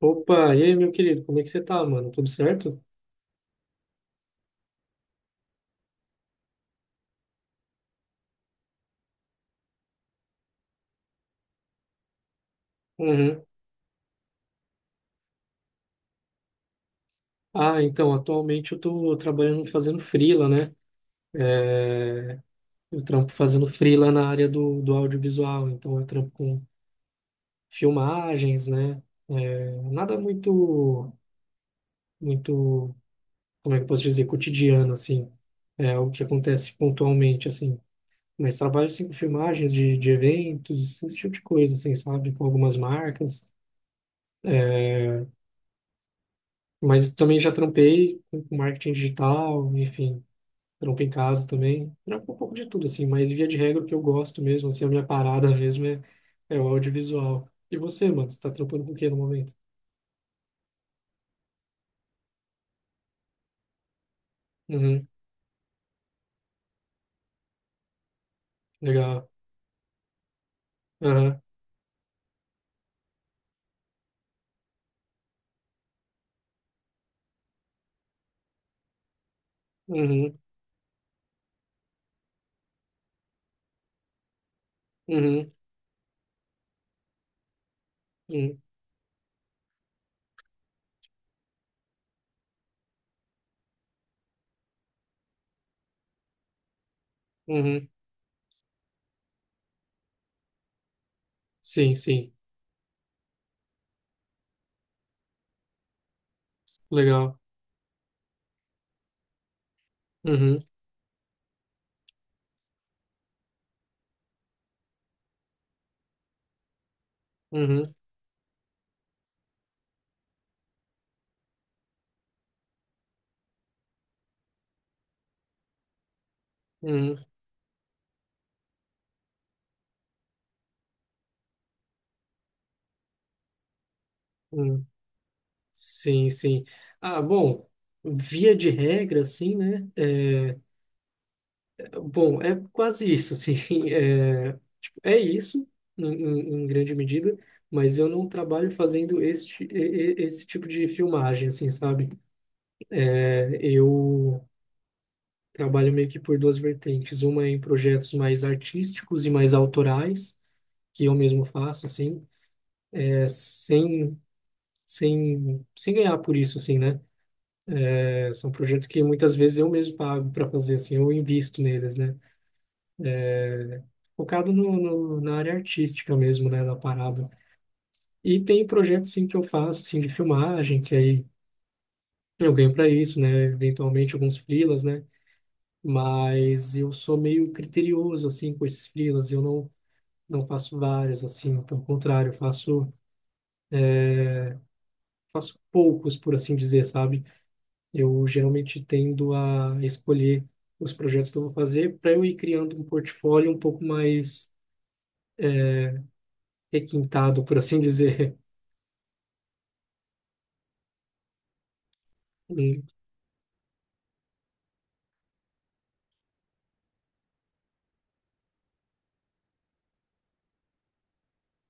Opa, e aí, meu querido, como é que você tá, mano? Tudo certo? Uhum. Então, atualmente eu tô trabalhando fazendo freela, né? É, Eu trampo fazendo freela na área do audiovisual, então eu trampo com filmagens, né? Nada muito, como é que eu posso dizer, cotidiano, assim. É o que acontece pontualmente, assim. Mas trabalho, sim, com filmagens de eventos, esse tipo de coisa, assim, sabe? Com algumas marcas. É, Mas também já trampei com marketing digital, enfim, trampo em casa também. Trampo um pouco de tudo, assim, mas via de regra o que eu gosto mesmo, assim, a minha parada mesmo é o audiovisual. E você, mano, você tá trampando com o quê no momento? Uhum, legal. Aham, uhum, uhum, uhum, uhum. Sim, sim, legal. Uhum, uhum, uhum, uhum. Sim, sim. Ah, bom, via de regra, assim, né? Bom, é quase isso, assim, tipo, é isso, em grande medida, mas eu não trabalho fazendo esse tipo de filmagem, assim, sabe? Eu trabalho meio que por duas vertentes, uma é em projetos mais artísticos e mais autorais, que eu mesmo faço, assim, é, sem, sem ganhar por isso, assim, né? É, são projetos que muitas vezes eu mesmo pago para fazer, assim, eu invisto neles, né? Focado na área artística mesmo, né, da parada. E tem projetos sim que eu faço assim de filmagem, que aí eu ganho para isso, né? Eventualmente alguns freelas, né? Mas eu sou meio criterioso assim com esses freelas, eu não faço vários assim, pelo contrário, eu faço poucos, por assim dizer, sabe? Eu geralmente tendo a escolher os projetos que eu vou fazer para eu ir criando um portfólio um pouco mais requintado, por assim dizer. Hum,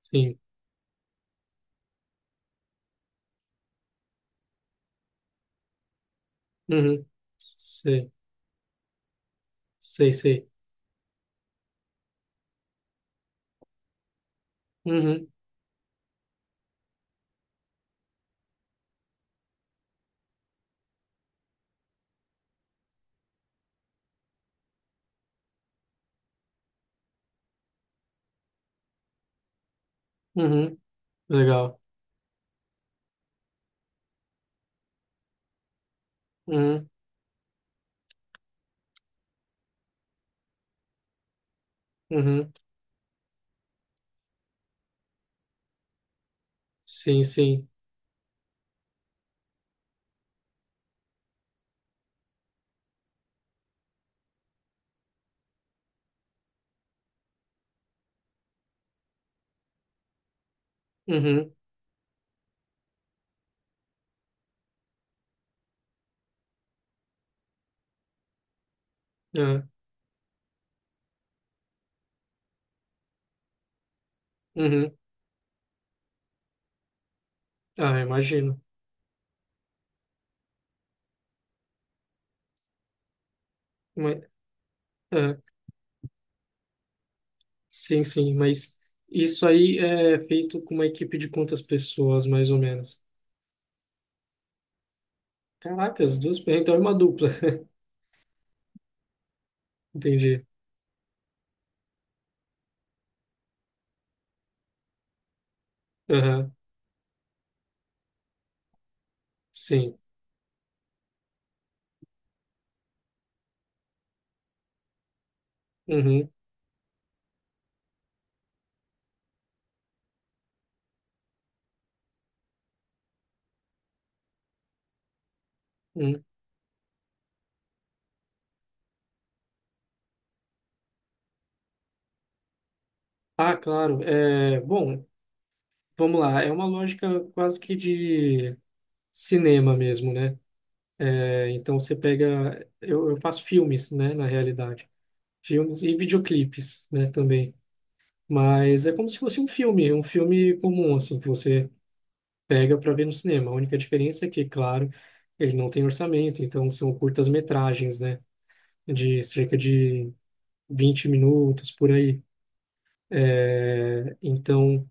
sim. Uhum. Sei, sei, sei. Uhum. Uhum. Legal. Uhum, uhum. Sim, sim. Uhum, ah, uhum. Ah, imagino. Mas, ah, sim, sim, mas isso aí é feito com uma equipe de quantas pessoas, mais ou menos? Caracas, duas, pe- então é uma dupla. Entendi. Aham, sim. Uhum, uhum. Ah, claro. Bom, vamos lá. É uma lógica quase que de cinema mesmo, né? É, então você pega. Eu faço filmes, né, na realidade. Filmes e videoclipes, né, também. Mas é como se fosse um filme comum, assim, que você pega para ver no cinema. A única diferença é que, claro, ele não tem orçamento, então são curtas-metragens, né? De cerca de 20 minutos, por aí. É, então,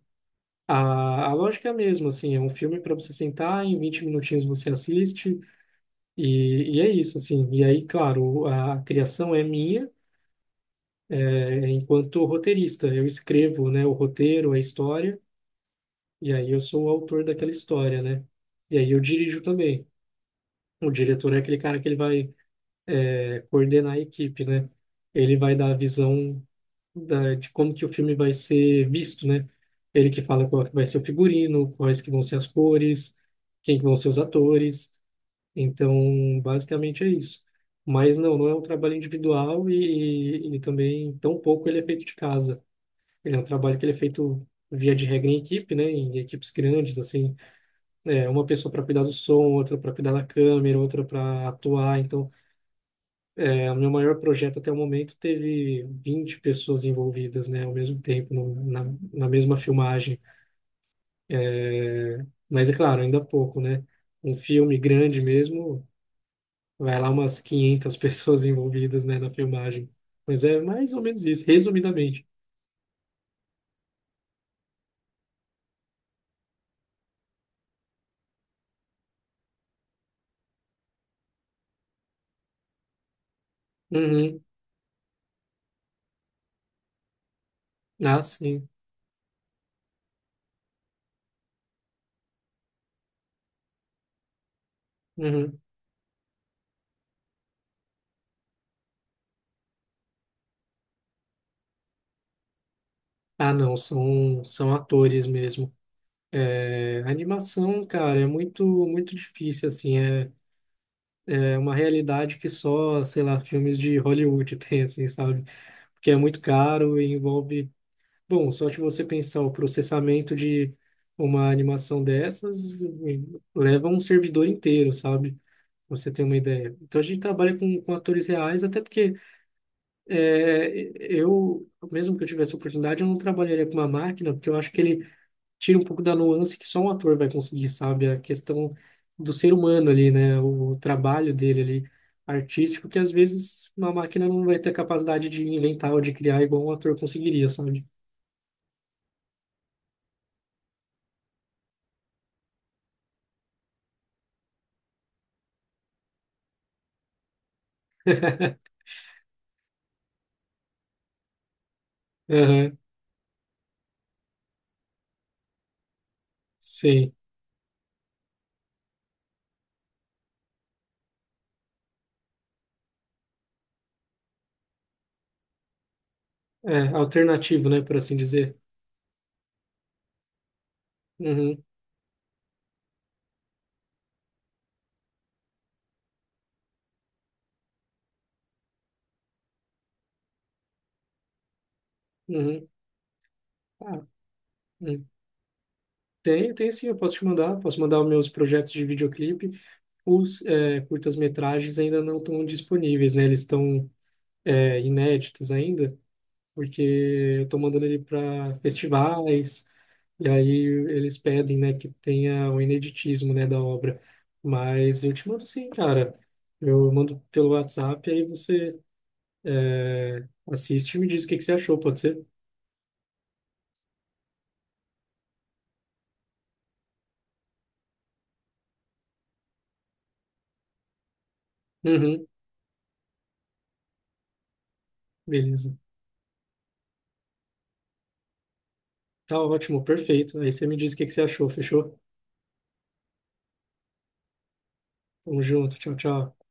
a, a lógica é a mesma, assim, é um filme para você sentar, em 20 minutinhos você assiste, e, é isso, assim. E aí, claro, a criação é minha, é, enquanto roteirista. Eu escrevo, né, o roteiro, a história. E aí eu sou o autor daquela história, né? E aí eu dirijo também. O diretor é aquele cara que ele vai coordenar a equipe, né? Ele vai dar a visão de como que o filme vai ser visto, né? Ele que fala qual que vai ser o figurino, quais que vão ser as cores, quem que vão ser os atores. Então, basicamente é isso. Mas não, não é um trabalho individual e, também, tão pouco ele é feito de casa. Ele é um trabalho que ele é feito via de regra em equipe, né? Em equipes grandes, assim. É, uma pessoa para cuidar do som, outra para cuidar da câmera, outra para atuar. Então, é, o meu maior projeto até o momento teve 20 pessoas envolvidas, né, ao mesmo tempo, no, na, na mesma filmagem. É, mas é claro, ainda pouco, né? Um filme grande mesmo, vai lá umas 500 pessoas envolvidas, né, na filmagem. Mas é mais ou menos isso, resumidamente. Uhum. Ah, sim. Uhum. Ah, não, são atores mesmo. É, a animação, cara, é muito, muito difícil, assim, é uma realidade que só, sei lá, filmes de Hollywood tem, assim, sabe? Porque é muito caro e envolve... Bom, só de você pensar o processamento de uma animação dessas leva um servidor inteiro, sabe? Pra você tem uma ideia. Então a gente trabalha com atores reais, até porque eu, mesmo que eu tivesse oportunidade, eu não trabalharia com uma máquina, porque eu acho que ele tira um pouco da nuance que só um ator vai conseguir, sabe? A questão do ser humano ali, né? O trabalho dele ali, artístico, que às vezes uma máquina não vai ter capacidade de inventar ou de criar igual um ator conseguiria, sabe? Aham, sim. É, alternativo, né, por assim dizer. Uhum, uhum. Ah, hum. Tem, tem sim, eu posso te mandar. Posso mandar os meus projetos de videoclipe. Os é, curtas-metragens ainda não estão disponíveis, né? Eles estão inéditos ainda. Porque eu tô mandando ele para festivais, e aí eles pedem, né, que tenha o ineditismo, né, da obra. Mas eu te mando sim, cara. Eu mando pelo WhatsApp, aí você assiste e me diz o que que você achou, pode ser? Uhum, beleza. Tá ótimo, perfeito. Aí você me diz o que que você achou, fechou? Tamo junto, tchau, tchau.